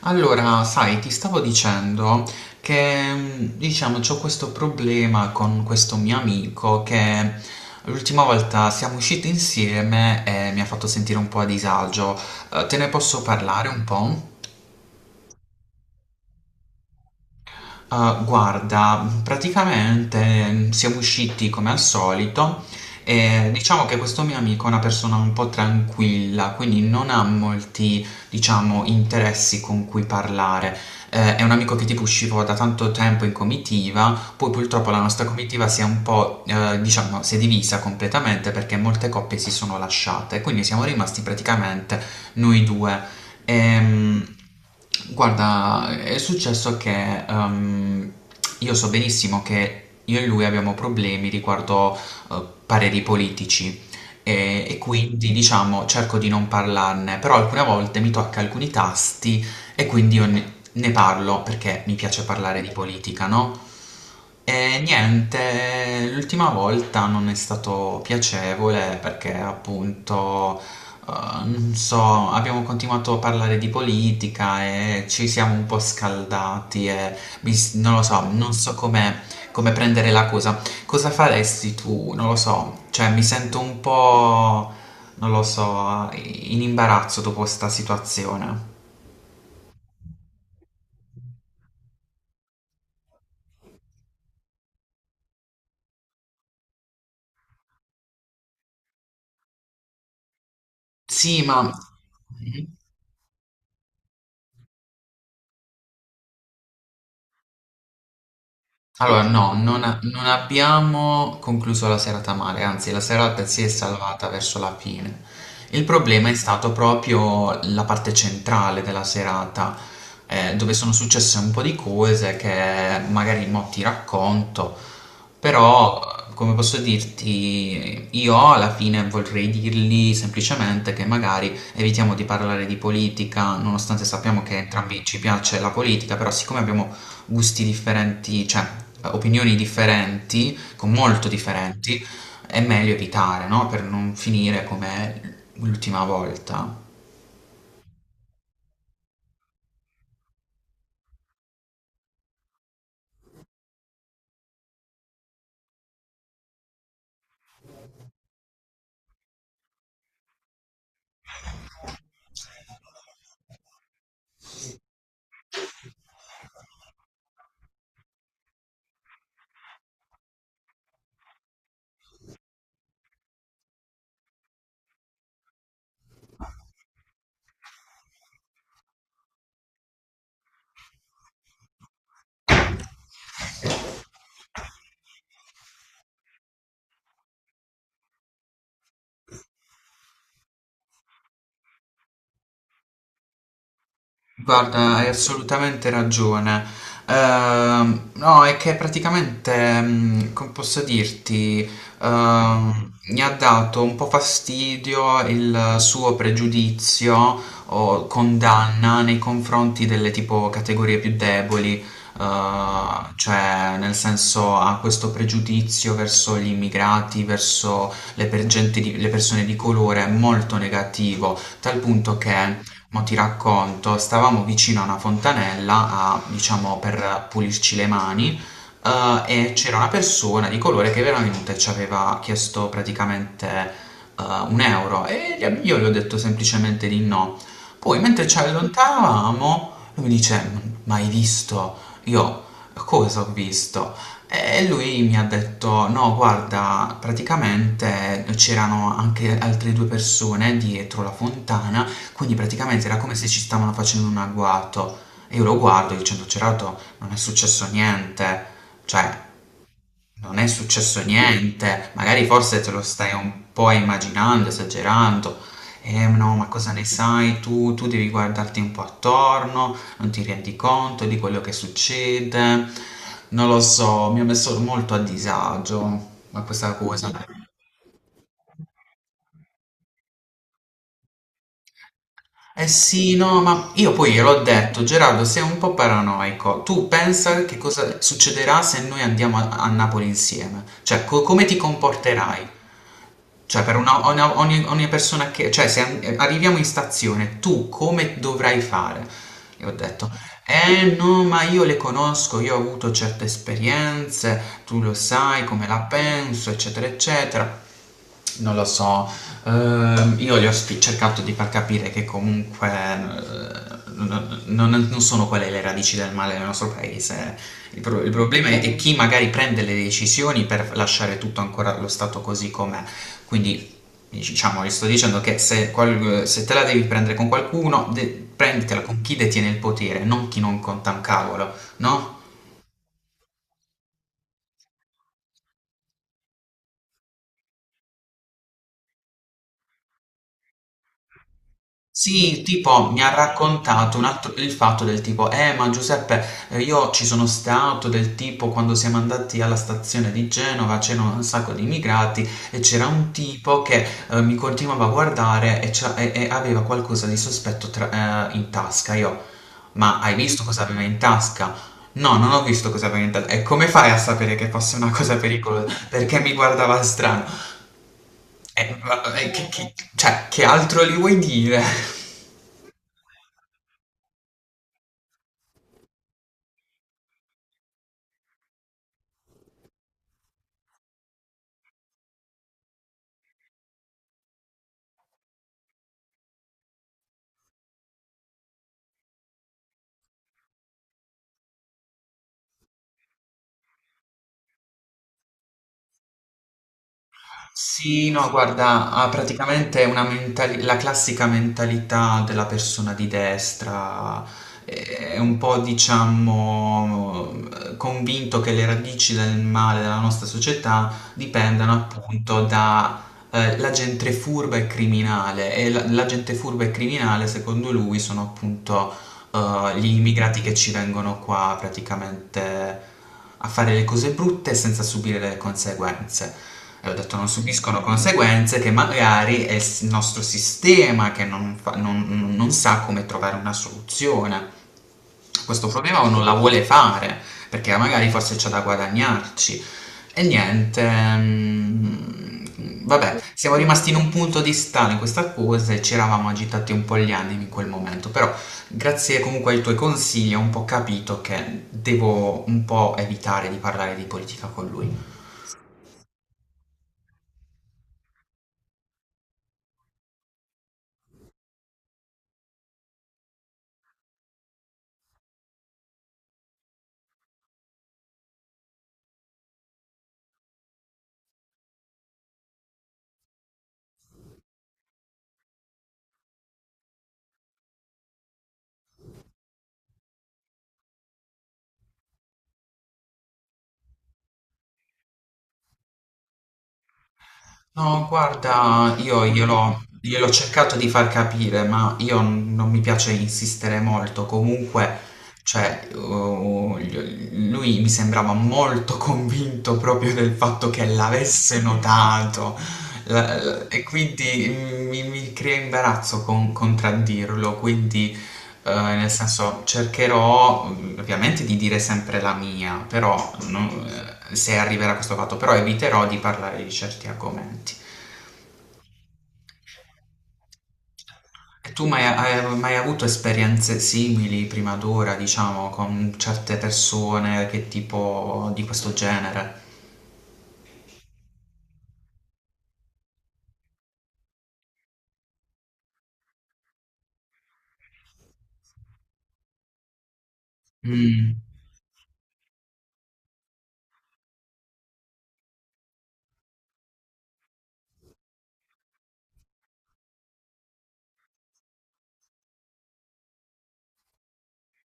Allora, sai, ti stavo dicendo che, diciamo, c'ho questo problema con questo mio amico che l'ultima volta siamo usciti insieme e mi ha fatto sentire un po' a disagio. Te ne posso parlare un po'? Ah, guarda, praticamente siamo usciti come al solito e diciamo che questo mio amico è una persona un po' tranquilla, quindi non ha molti, diciamo, interessi con cui parlare. È un amico che tipo uscivo da tanto tempo in comitiva, poi purtroppo la nostra comitiva si è un po', diciamo, si è divisa completamente perché molte coppie si sono lasciate, quindi siamo rimasti praticamente noi due. Ehm, guarda, è successo che io so benissimo che io e lui abbiamo problemi riguardo pareri politici e quindi diciamo cerco di non parlarne, però alcune volte mi tocca alcuni tasti e quindi io ne parlo perché mi piace parlare di politica, no? E niente, l'ultima volta non è stato piacevole perché appunto, eh, non so, abbiamo continuato a parlare di politica e ci siamo un po' scaldati e non lo so, non so come, come prendere la cosa. Cosa faresti tu? Non lo so, cioè mi sento un po', non lo so, in imbarazzo dopo sta situazione. Sì, ma... Allora, no, non abbiamo concluso la serata male, anzi la serata si è salvata verso la fine. Il problema è stato proprio la parte centrale della serata, dove sono successe un po' di cose che magari mo ti racconto, però come posso dirti, io alla fine vorrei dirgli semplicemente che magari evitiamo di parlare di politica, nonostante sappiamo che entrambi ci piace la politica, però siccome abbiamo gusti differenti, cioè opinioni differenti, con molto differenti, è meglio evitare, no? Per non finire come l'ultima volta. Guarda, hai assolutamente ragione. No, è che praticamente, come posso dirti, mi ha dato un po' fastidio il suo pregiudizio o condanna nei confronti delle tipo categorie più deboli, cioè nel senso ha questo pregiudizio verso gli immigrati, verso gente le persone di colore molto negativo, tal punto che mo' ti racconto, stavamo vicino a una fontanella a, diciamo, per pulirci le mani, e c'era una persona di colore che era venuta e ci aveva chiesto praticamente eh, un euro e io gli ho detto semplicemente di no. Poi, mentre ci allontanavamo, lui mi dice: "Ma hai visto?" Io cosa ho visto? E lui mi ha detto: "No, guarda, praticamente c'erano anche altre due persone dietro la fontana, quindi praticamente era come se ci stavano facendo un agguato" e io lo guardo dicendo: "Cerato non è successo niente, cioè non è successo niente, magari forse te lo stai un po' immaginando, esagerando." "Eh no, ma cosa ne sai tu? Tu devi guardarti un po' attorno, non ti rendi conto di quello che succede." Non lo so, mi ha messo molto a disagio ma questa cosa. Eh sì, no, ma io poi gliel'ho detto: "Gerardo, sei un po' paranoico. Tu pensa che cosa succederà se noi andiamo a, a Napoli insieme? Cioè, come ti comporterai? Cioè, per ogni, ogni persona che... Cioè, se arriviamo in stazione, tu come dovrai fare?" Io ho detto, eh no, ma io le conosco, io ho avuto certe esperienze, tu lo sai come la penso, eccetera, eccetera. Non lo so, io cercato di far capire che comunque non sono quelle le radici del male nel nostro paese. Il, il problema è chi magari prende le decisioni per lasciare tutto ancora lo stato così com'è. Quindi, diciamo, gli sto dicendo che se, se te la devi prendere con qualcuno, prenditela con chi detiene il potere, non chi non conta un cavolo, no? Sì, tipo mi ha raccontato il fatto del tipo, ma Giuseppe, io ci sono stato del tipo quando siamo andati alla stazione di Genova, c'erano un sacco di immigrati e c'era un tipo che mi continuava a guardare e, e aveva qualcosa di sospetto in tasca. Io, ma hai visto cosa aveva in tasca? No, non ho visto cosa aveva in tasca. E come fai a sapere che fosse una cosa pericolosa? Perché mi guardava strano. E- e cioè, che altro gli vuoi dire? Sì, no, guarda, ha praticamente una la classica mentalità della persona di destra, è un po', diciamo, convinto che le radici del male della nostra società dipendano appunto da la gente furba e criminale, e la gente furba e criminale, secondo lui, sono appunto gli immigrati che ci vengono qua praticamente a fare le cose brutte senza subire le conseguenze. E ho detto non subiscono conseguenze che magari è nostro sistema che non fa- non- non sa come trovare una soluzione questo problema o non la vuole fare, perché magari forse c'è da guadagnarci. E niente, vabbè, siamo rimasti in un punto di stallo in questa cosa e ci eravamo agitati un po' gli animi in quel momento, però grazie comunque ai tuoi consigli ho un po' capito che devo un po' evitare di parlare di politica con lui. No, guarda, io gliel'ho cercato di far capire, ma io non mi piace insistere molto. Comunque, cioè, lui mi sembrava molto convinto proprio del fatto che l'avesse notato. E quindi mi crea imbarazzo contraddirlo. Quindi, nel senso, cercherò ovviamente di dire sempre la mia, però no, se arriverà questo fatto, però eviterò di parlare di certi argomenti. E tu mai, hai mai avuto esperienze simili prima d'ora, diciamo, con certe persone che tipo di questo genere? Mm,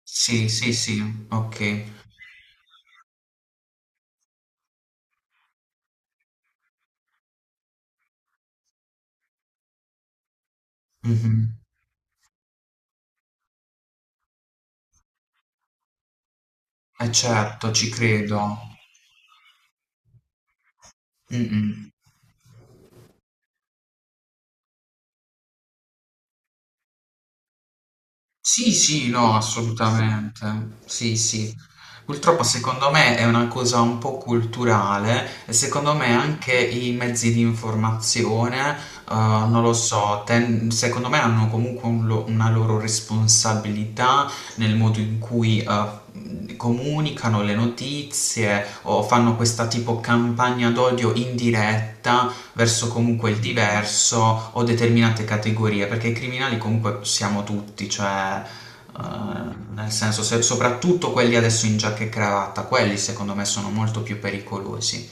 sì, sì, sì, ok. Mhm. Eh certo, ci credo. Mm-mm. Sì, sì, no, assolutamente. Sì, sì. Purtroppo secondo me è una cosa un po' culturale e secondo me anche i mezzi di informazione, non lo so, secondo me hanno comunque una loro responsabilità nel modo in cui comunicano le notizie o fanno questa tipo campagna d'odio indiretta verso comunque il diverso o determinate categorie, perché i criminali comunque siamo tutti, cioè eh, nel senso soprattutto quelli adesso in giacca e cravatta, quelli secondo me sono molto più pericolosi,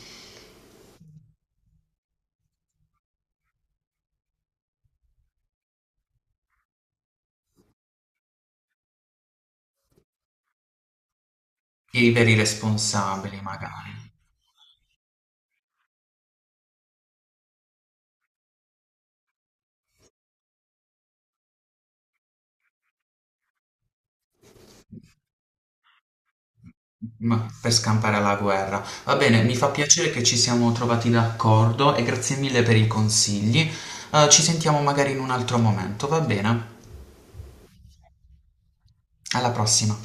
i veri responsabili magari. Per scampare alla guerra. Va bene, mi fa piacere che ci siamo trovati d'accordo e grazie mille per i consigli. Ci sentiamo magari in un altro momento, va bene? Alla prossima.